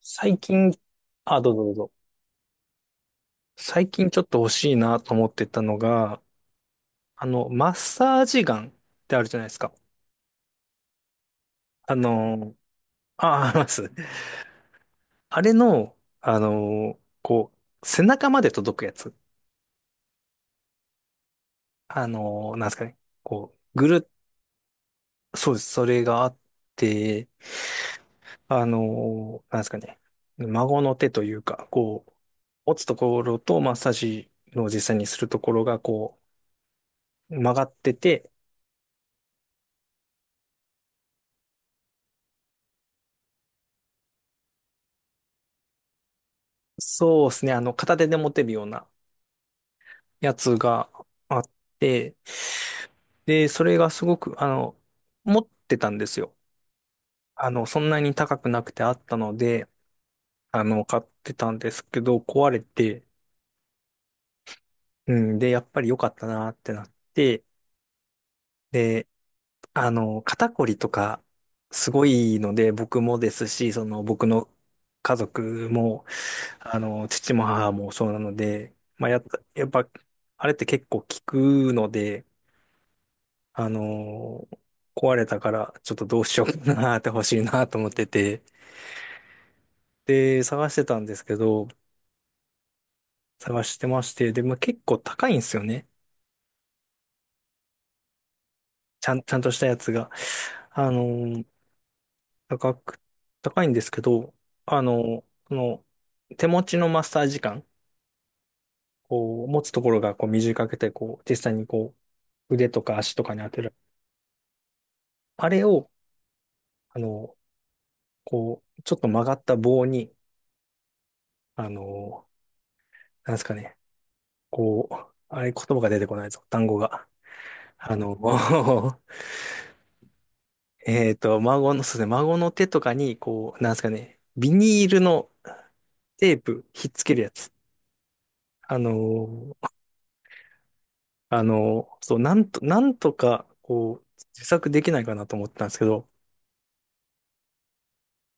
最近、どうぞどうぞ。最近ちょっと欲しいなと思ってたのが、マッサージガンってあるじゃないですか。あの、あ、あります。あれの、こう、背中まで届くやつ。なんですかね。こう、ぐるっ、そうです。それがあって、なんですかね。孫の手というか、こう、持つところとマッサージの実際にするところが、こう、曲がってて、そうですね。片手で持てるようなやつがあって、で、それがすごく、持ってたんですよ。そんなに高くなくてあったので、買ってたんですけど、壊れて、うん、で、やっぱり良かったなってなって、で、肩こりとか、すごいので、僕もですし、その、僕の家族も、父も母もそうなので、まあ、やっぱ、あれって結構効くので、あのー壊れたから、ちょっとどうしようかなって欲しいなと思ってて、で、探してたんですけど、探してまして、で、まあ、結構高いんですよね。ちゃんとしたやつが。あのー高く、高いんですけど、この、手持ちのマッサージ感、こう、持つところがこう短くて、こう、実際にこう、腕とか足とかに当てる。あれを、あのーこう、ちょっと曲がった棒に、あのなんですかね、こう、あれ言葉が出てこないぞ、単語が。あの、えっと、そうですね、孫の手とかに、こう、なんですかね、ビニールのテープ、ひっつけるやつ。あの、そう、なんとか、こう、自作できないかなと思ったんですけど、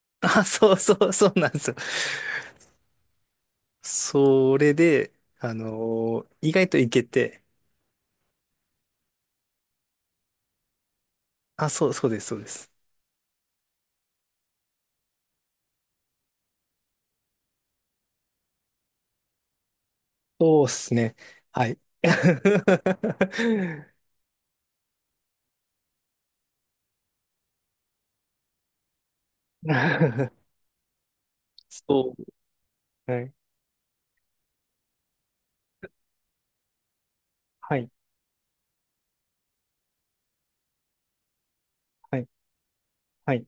あ、そうそうそうなんですよ。それで、意外といけて、あ、そうです、そうです。そうですね。はい。そうはい、はい、はい、はい、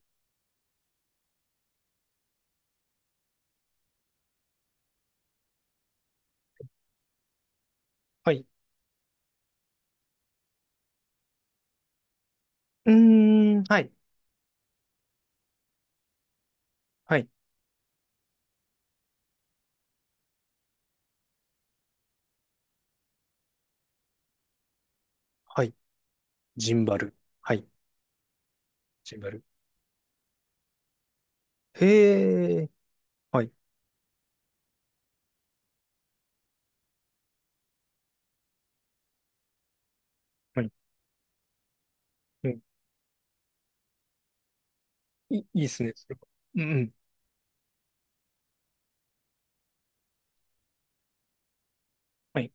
はい。うーん、はい、はい、はい。ジンバル。はい、ジンバル。へえ、はい、はい。うん、いっすね、それは。うん、うん。はい。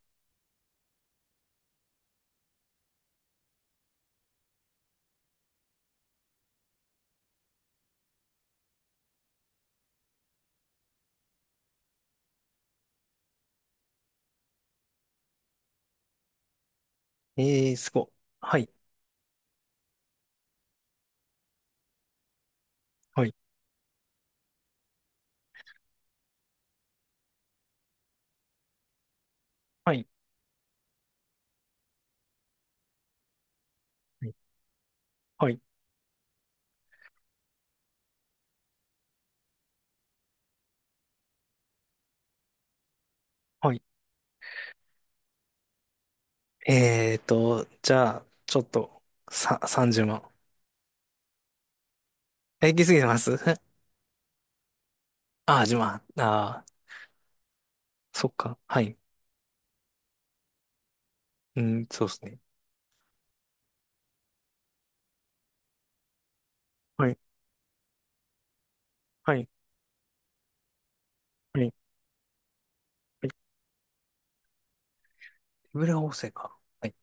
えー、すごい。はい、はい、はい、はい、はい。えーと、じゃあ、ちょっと、さ、30万。え、行き過ぎてます。 あー、10万。あー、そっか。はい。うん、そうですね。はい、はい、はい、はい。手ぶら補正か。はい。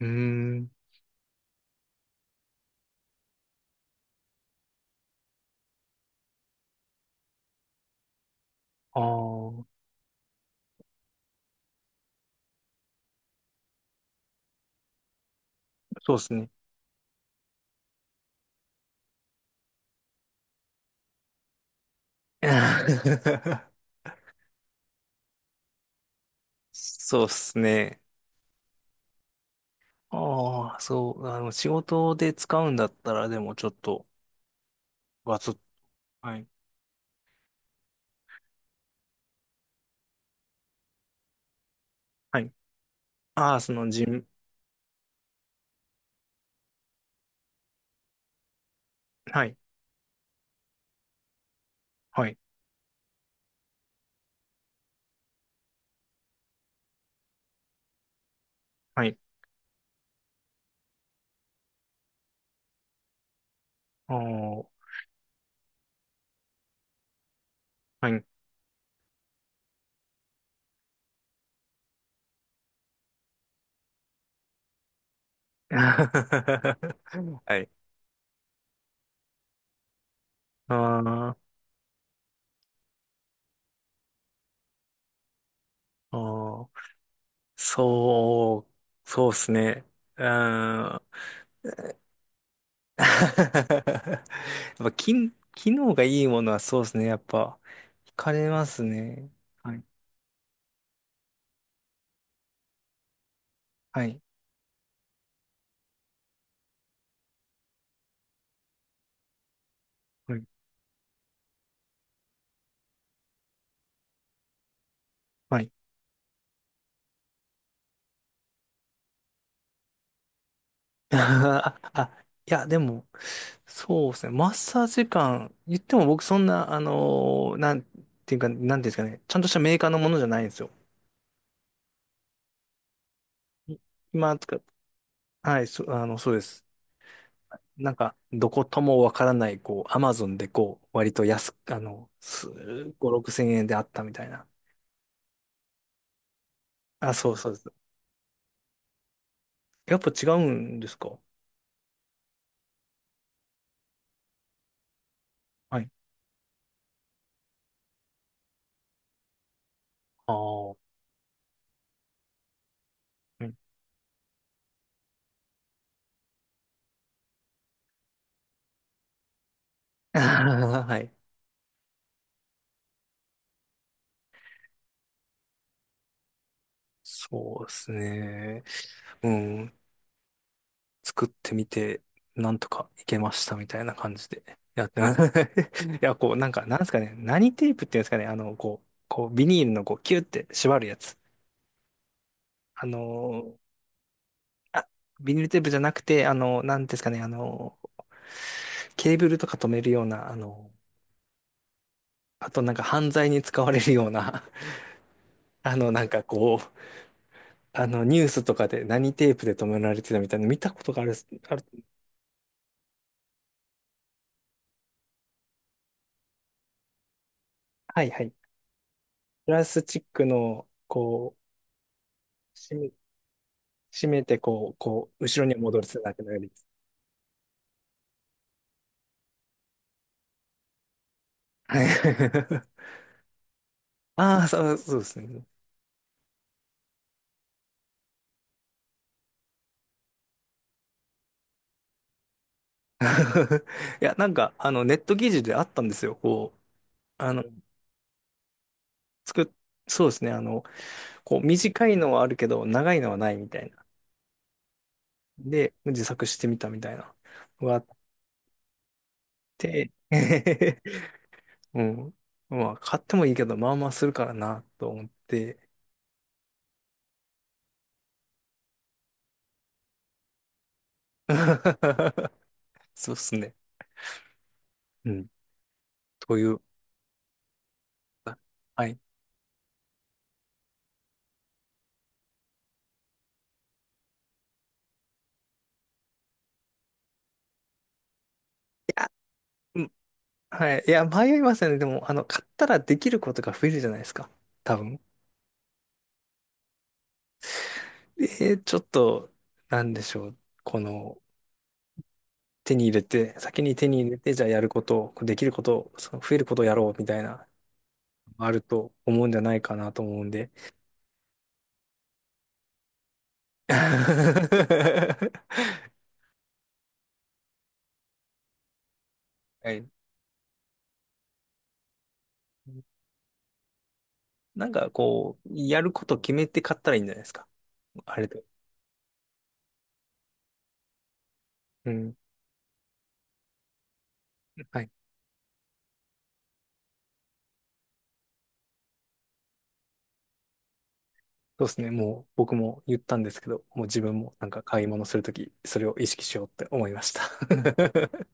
うーん、あー、そうですね。そうっすね。ああ、そう、あの、仕事で使うんだったら、でもちょっと、ガツッ、はい、はい。ああ、その、じん、はい、はい、はい、ああ、はい。はい。ああ、ああ、そう、そうっすね。うん。やっぱ、き、機能がいいものはそうっすね。やっぱ、惹かれますね。はい、はい、はい。はい。 あ、あいや、でも、そうですね。マッサージ感、言っても僕そんな、なんていうか、なんていうんですかね。ちゃんとしたメーカーのものじゃないんですよ。い今使っ、はい、そ、そうです。なんか、どこともわからない、こう、アマゾンでこう、割と安く、す5、6千円であったみたいな。あ、そうそうです。やっぱ違うんですか。はい。ああ、うん。 はい。そうですね。うん。作ってみて、なんとかいけましたみたいな感じでやってます。いや、こう、なんか、なんですかね、何テープっていうんですかね、こう、こう、ビニールのこう、キュって縛るやつ。あのー、あ、ビニールテープじゃなくて、なんですかね、ケーブルとか止めるような、あとなんか犯罪に使われるような、なんかこう、ニュースとかで何テープで止められてたみたいなの見たことがある、ある、はいはい。プラスチックの、こう、閉めて、こう、こう、後ろに戻るだけのようです。はい。ああ、そう、そうですね。いや、なんか、ネット記事であったんですよ。こう、あの、作っ、そうですね。こう、短いのはあるけど、長いのはないみたいな。で、自作してみたみたいなのがあって、うん。まあ、買ってもいいけど、まあまあするからな、と思って。そうですね。うん。という。はい。いやはい。いや、迷いますよね。でも、買ったらできることが増えるじゃないですか。多分。えー、ちょっと、なんでしょう。この、手に入れて、先に手に入れて、じゃあやることを、その増えることをやろうみたいな、あると思うんじゃないかなと思うんで。はい。なんか、こう、やること決めて買ったらいいんじゃないですか。あれで。うん。はい。そうですね。もう僕も言ったんですけど、もう自分もなんか買い物するとき、それを意識しようって思いました。